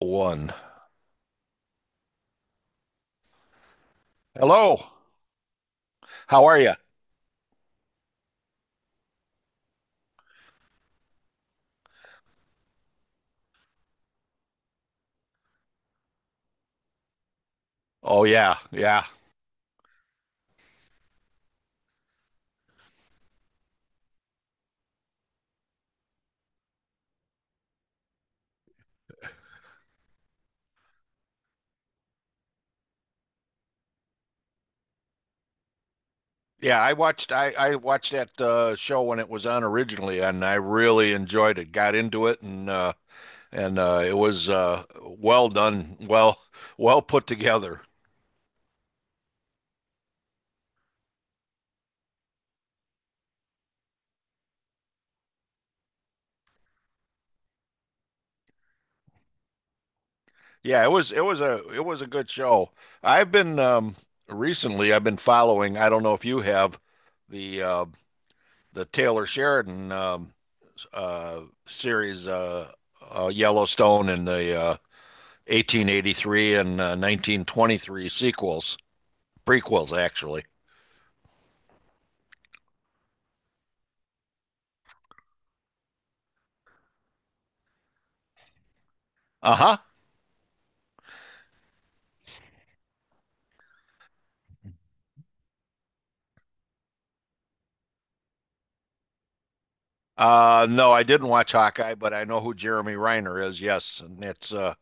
one. Hello. How are you? Oh yeah, yeah. Yeah, I watched I I watched that uh show when it was on originally and I really enjoyed it. Got into it and uh and uh it was uh well done, well well put together. Yeah, it was it was a it was a good show. I've been um recently I've been following, I don't know if you have the uh the Taylor Sheridan um uh series uh, uh Yellowstone and the uh, 1883 and uh, 1923 sequels, prequels, actually. Uh huh. Uh, no, I didn't watch Hawkeye, but I know who Jeremy Reiner is. Yes, and it's uh,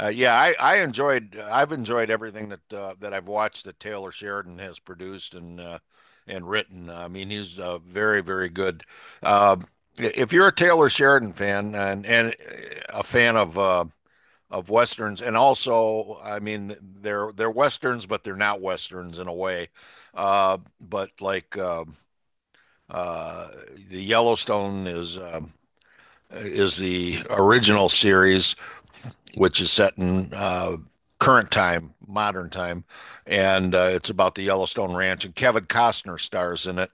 uh yeah, I, I enjoyed I've enjoyed everything that uh, that I've watched that Taylor Sheridan has produced and uh, and written. I mean, he's uh, very very good. Uh, if you're a Taylor Sheridan fan and and a fan of uh, of westerns and also i mean they're they're westerns but they're not westerns in a way uh but like uh, uh the yellowstone is um is the original series which is set in uh, current time, modern time, and uh, it's about the Yellowstone Ranch. And Kevin Costner stars in it,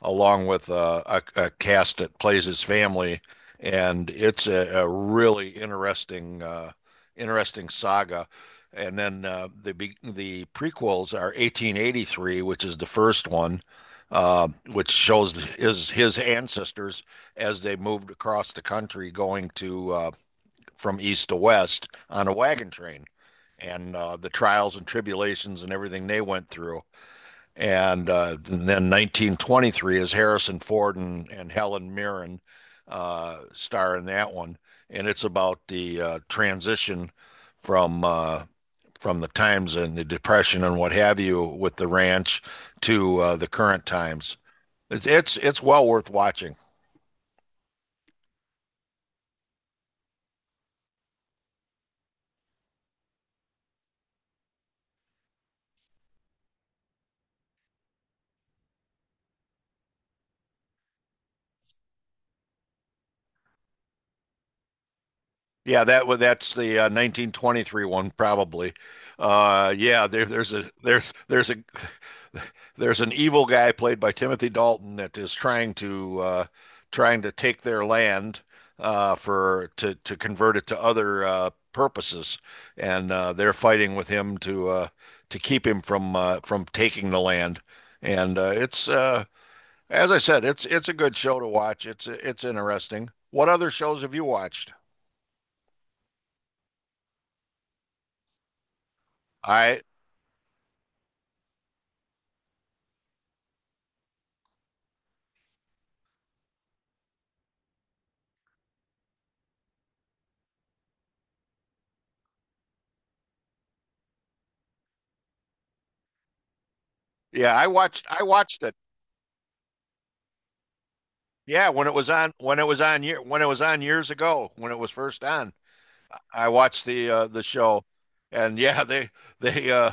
along with uh, a, a cast that plays his family, and it's a, a really interesting, uh, interesting saga. And then uh, the the prequels are 1883, which is the first one, uh, which shows his his ancestors as they moved across the country, going to uh, from east to west on a wagon train and uh, the trials and tribulations and everything they went through. And, uh, and then 1923 is Harrison Ford and, and Helen Mirren uh, star in that one. And it's about the uh, transition from uh, from the times and the depression and what have you with the ranch to uh, the current times. It's, it's it's well worth watching. Yeah, that wa- that's the uh, 1923 one probably. Uh, yeah, there, there's a there's there's a there's an evil guy played by Timothy Dalton that is trying to uh, trying to take their land uh, for to to convert it to other uh, purposes, and uh, they're fighting with him to uh, to keep him from uh, from taking the land. And uh, it's uh, as I said, it's it's a good show to watch. It's it's interesting. What other shows have you watched? I Yeah, I watched I watched it. Yeah, when it was on when it was on year when it was on years ago, when it was first on. I watched the uh the show and yeah, they they uh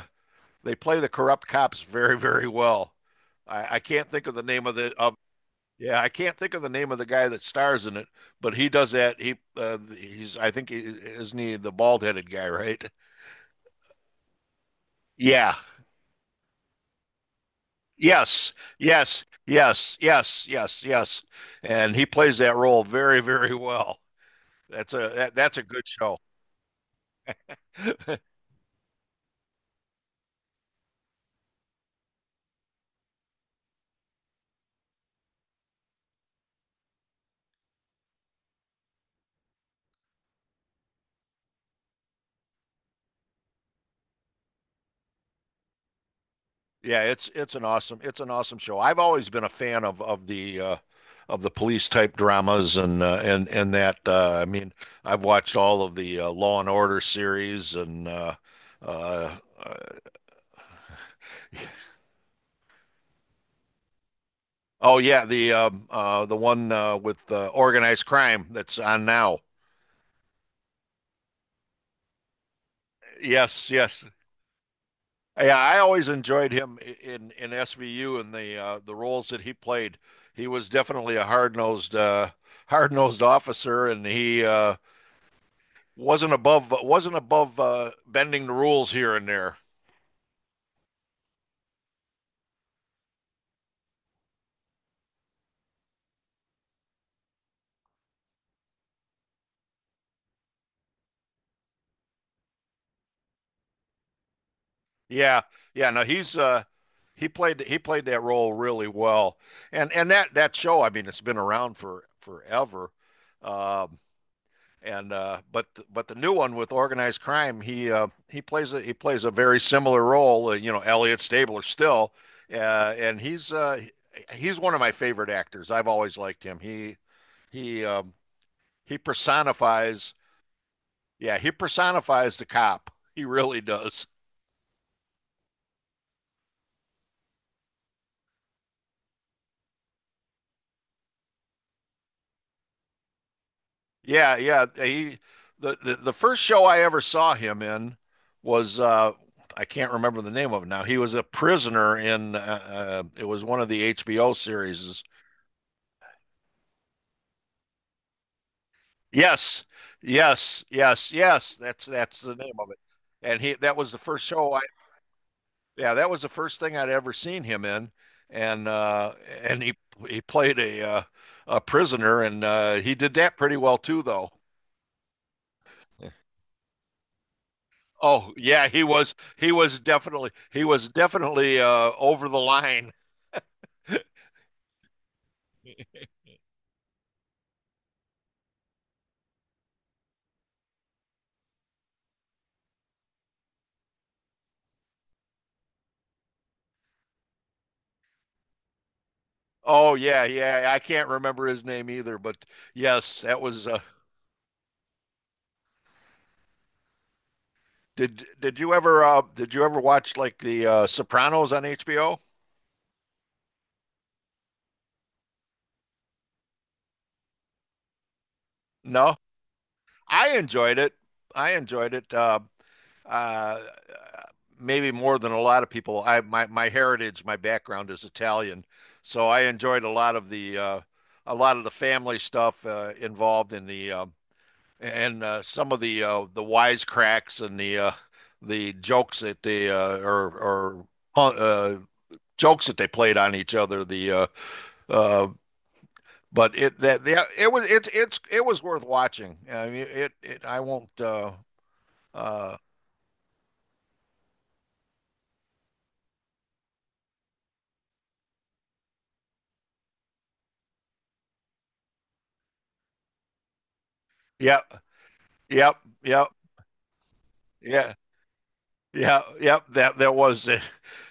they play the corrupt cops very, very well. I, I can't think of the name of the of yeah, I can't think of the name of the guy that stars in it, but he does that. He uh, he's I think he, isn't he the bald-headed guy, right? Yeah. Yes. Yes. Yes. Yes. Yes. Yes. And he plays that role very, very well. That's a that, that's a good show. Yeah, it's it's an awesome it's an awesome show. I've always been a fan of of the uh of the police type dramas and uh, and and that uh I mean, I've watched all of the uh, Law and Order series and uh uh uh, oh yeah, the um uh the one uh with uh, organized crime that's on now. Yes, yes. Yeah, I always enjoyed him in in SVU and the uh, the roles that he played. He was definitely a hard-nosed uh, hard-nosed officer, and he uh, wasn't above wasn't above uh, bending the rules here and there. Yeah, yeah. No, he's uh, he played he played that role really well, and and that that show. I mean, it's been around for forever. Um, and uh, but but the new one with organized crime, he uh, he plays a he plays a very similar role. Uh, you know, Elliot Stabler still, uh, and he's uh, he's one of my favorite actors. I've always liked him. He he um, he personifies yeah he personifies the cop. He really does. Yeah yeah he the the, the first show I ever saw him in was uh, I can't remember the name of it now. He was a prisoner in uh, uh, it was one of the HBO series Yes, yes, yes, yes. That's that's the name of it. And he that was the first show I yeah, that was the first thing I'd ever seen him in. And uh and he he played a uh a prisoner and uh he did that pretty well too though. Yeah. Oh, yeah, he was he was definitely he was definitely uh over the line. Oh yeah, yeah. I can't remember his name either, but yes, that was uh did did you ever uh did you ever watch like the uh Sopranos on HBO? No, I enjoyed it. I enjoyed it. Uh, uh, maybe more than a lot of people. I my my heritage, my background is Italian, so I enjoyed a lot of the uh, a lot of the family stuff uh, involved in the um and uh, some of the uh, the wisecracks and the uh, the jokes that they uh, or or uh, jokes that they played on each other. The uh, uh, but it that the, it was it it's it was worth watching. I mean, it it I won't uh, Uh, yep, yep, yep, yeah, yeah, yep. That that was it.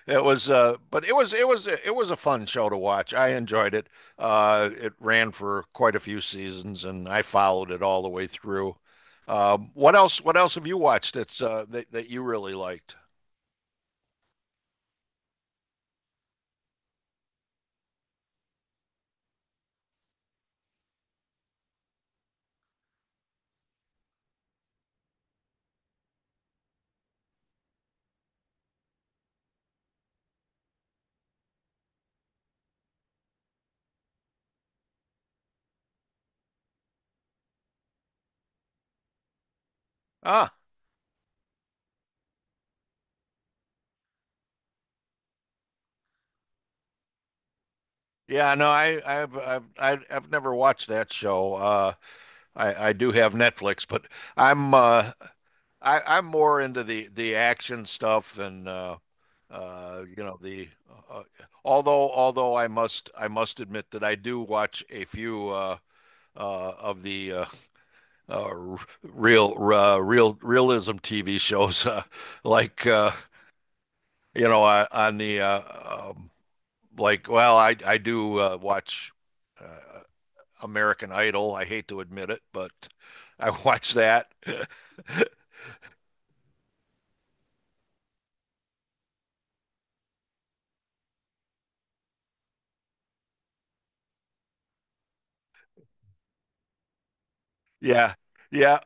It was, uh, but it was it was it was a fun show to watch. I enjoyed it. Uh, it ran for quite a few seasons, and I followed it all the way through. Um, what else? What else have you watched that's uh, that that you really liked? Ah, yeah, no, I I've I've I've I've never watched that show. Uh, I I do have Netflix, but I'm uh I I'm more into the the action stuff and uh Uh, you know the uh, although although I must I must admit that I do watch a few uh, uh, of the uh, uh, real uh, real realism TV shows uh, like uh, you know uh, on the uh, um, like well I I do uh, watch uh, American Idol. I hate to admit it, but I watch that. Yeah, yeah,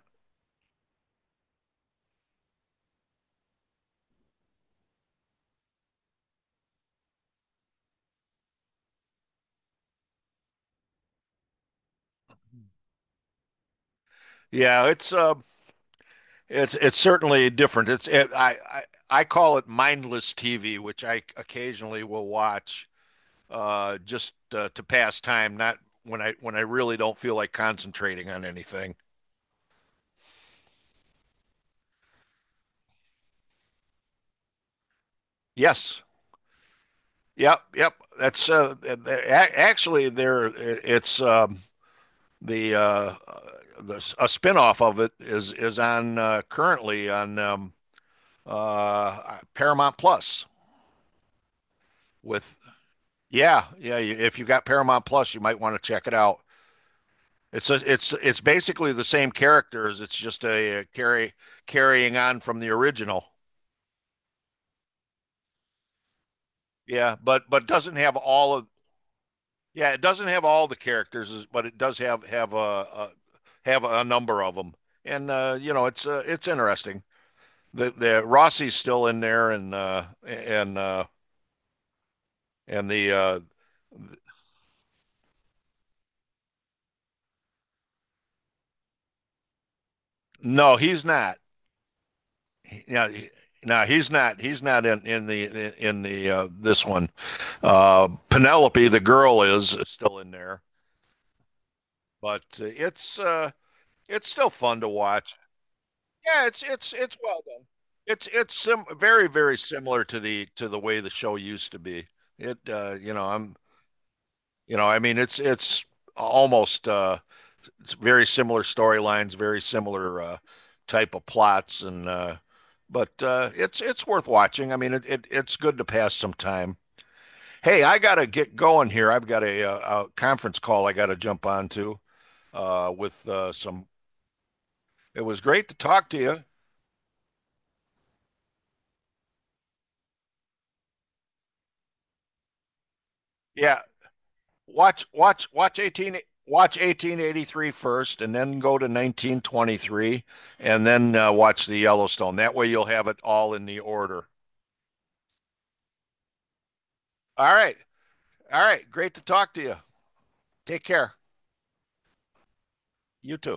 yeah. It's um It's it's certainly different. It's it, I, I I call it mindless TV, which I occasionally will watch uh, just uh, to pass time, not when I when I really don't feel like concentrating on anything. Yes, yep, yep. That's uh, actually there. It's um, the uh, the a spinoff of it is is on uh, currently on um, uh, Paramount Plus with yeah yeah. If you got Paramount Plus, you might want to check it out. It's a, it's it's basically the same characters. It's just a, a carry carrying on from the original. Yeah, but but doesn't have all of yeah, it doesn't have all the characters, but it does have have a, a have a number of them. And uh, you know, it's uh, it's interesting. The the Rossi's still in there, and uh, and uh, and the uh, no, he's not. Yeah, he- no, he's not. He's not in in the in the uh, this one. Uh, Penelope, the girl, is still in there. but uh, it's uh, it's still fun to watch. Yeah, it's it's it's well done. It's it's sim- very very similar to the to the way the show used to be. It uh, you know I'm you know I mean it's it's almost uh, it's very similar storylines, very similar uh, type of plots, and uh, but uh, it's it's worth watching. I mean, it, it it's good to pass some time. Hey, I gotta get going here. I've got a, a, a conference call I gotta jump on to uh, with uh, some It was great to talk to you. Yeah, watch watch watch 18 watch 1883 first, and then go to 1923 and then uh, watch the Yellowstone. That way you'll have it all in the order. All right. All right. Great to talk to you. Take care. You too.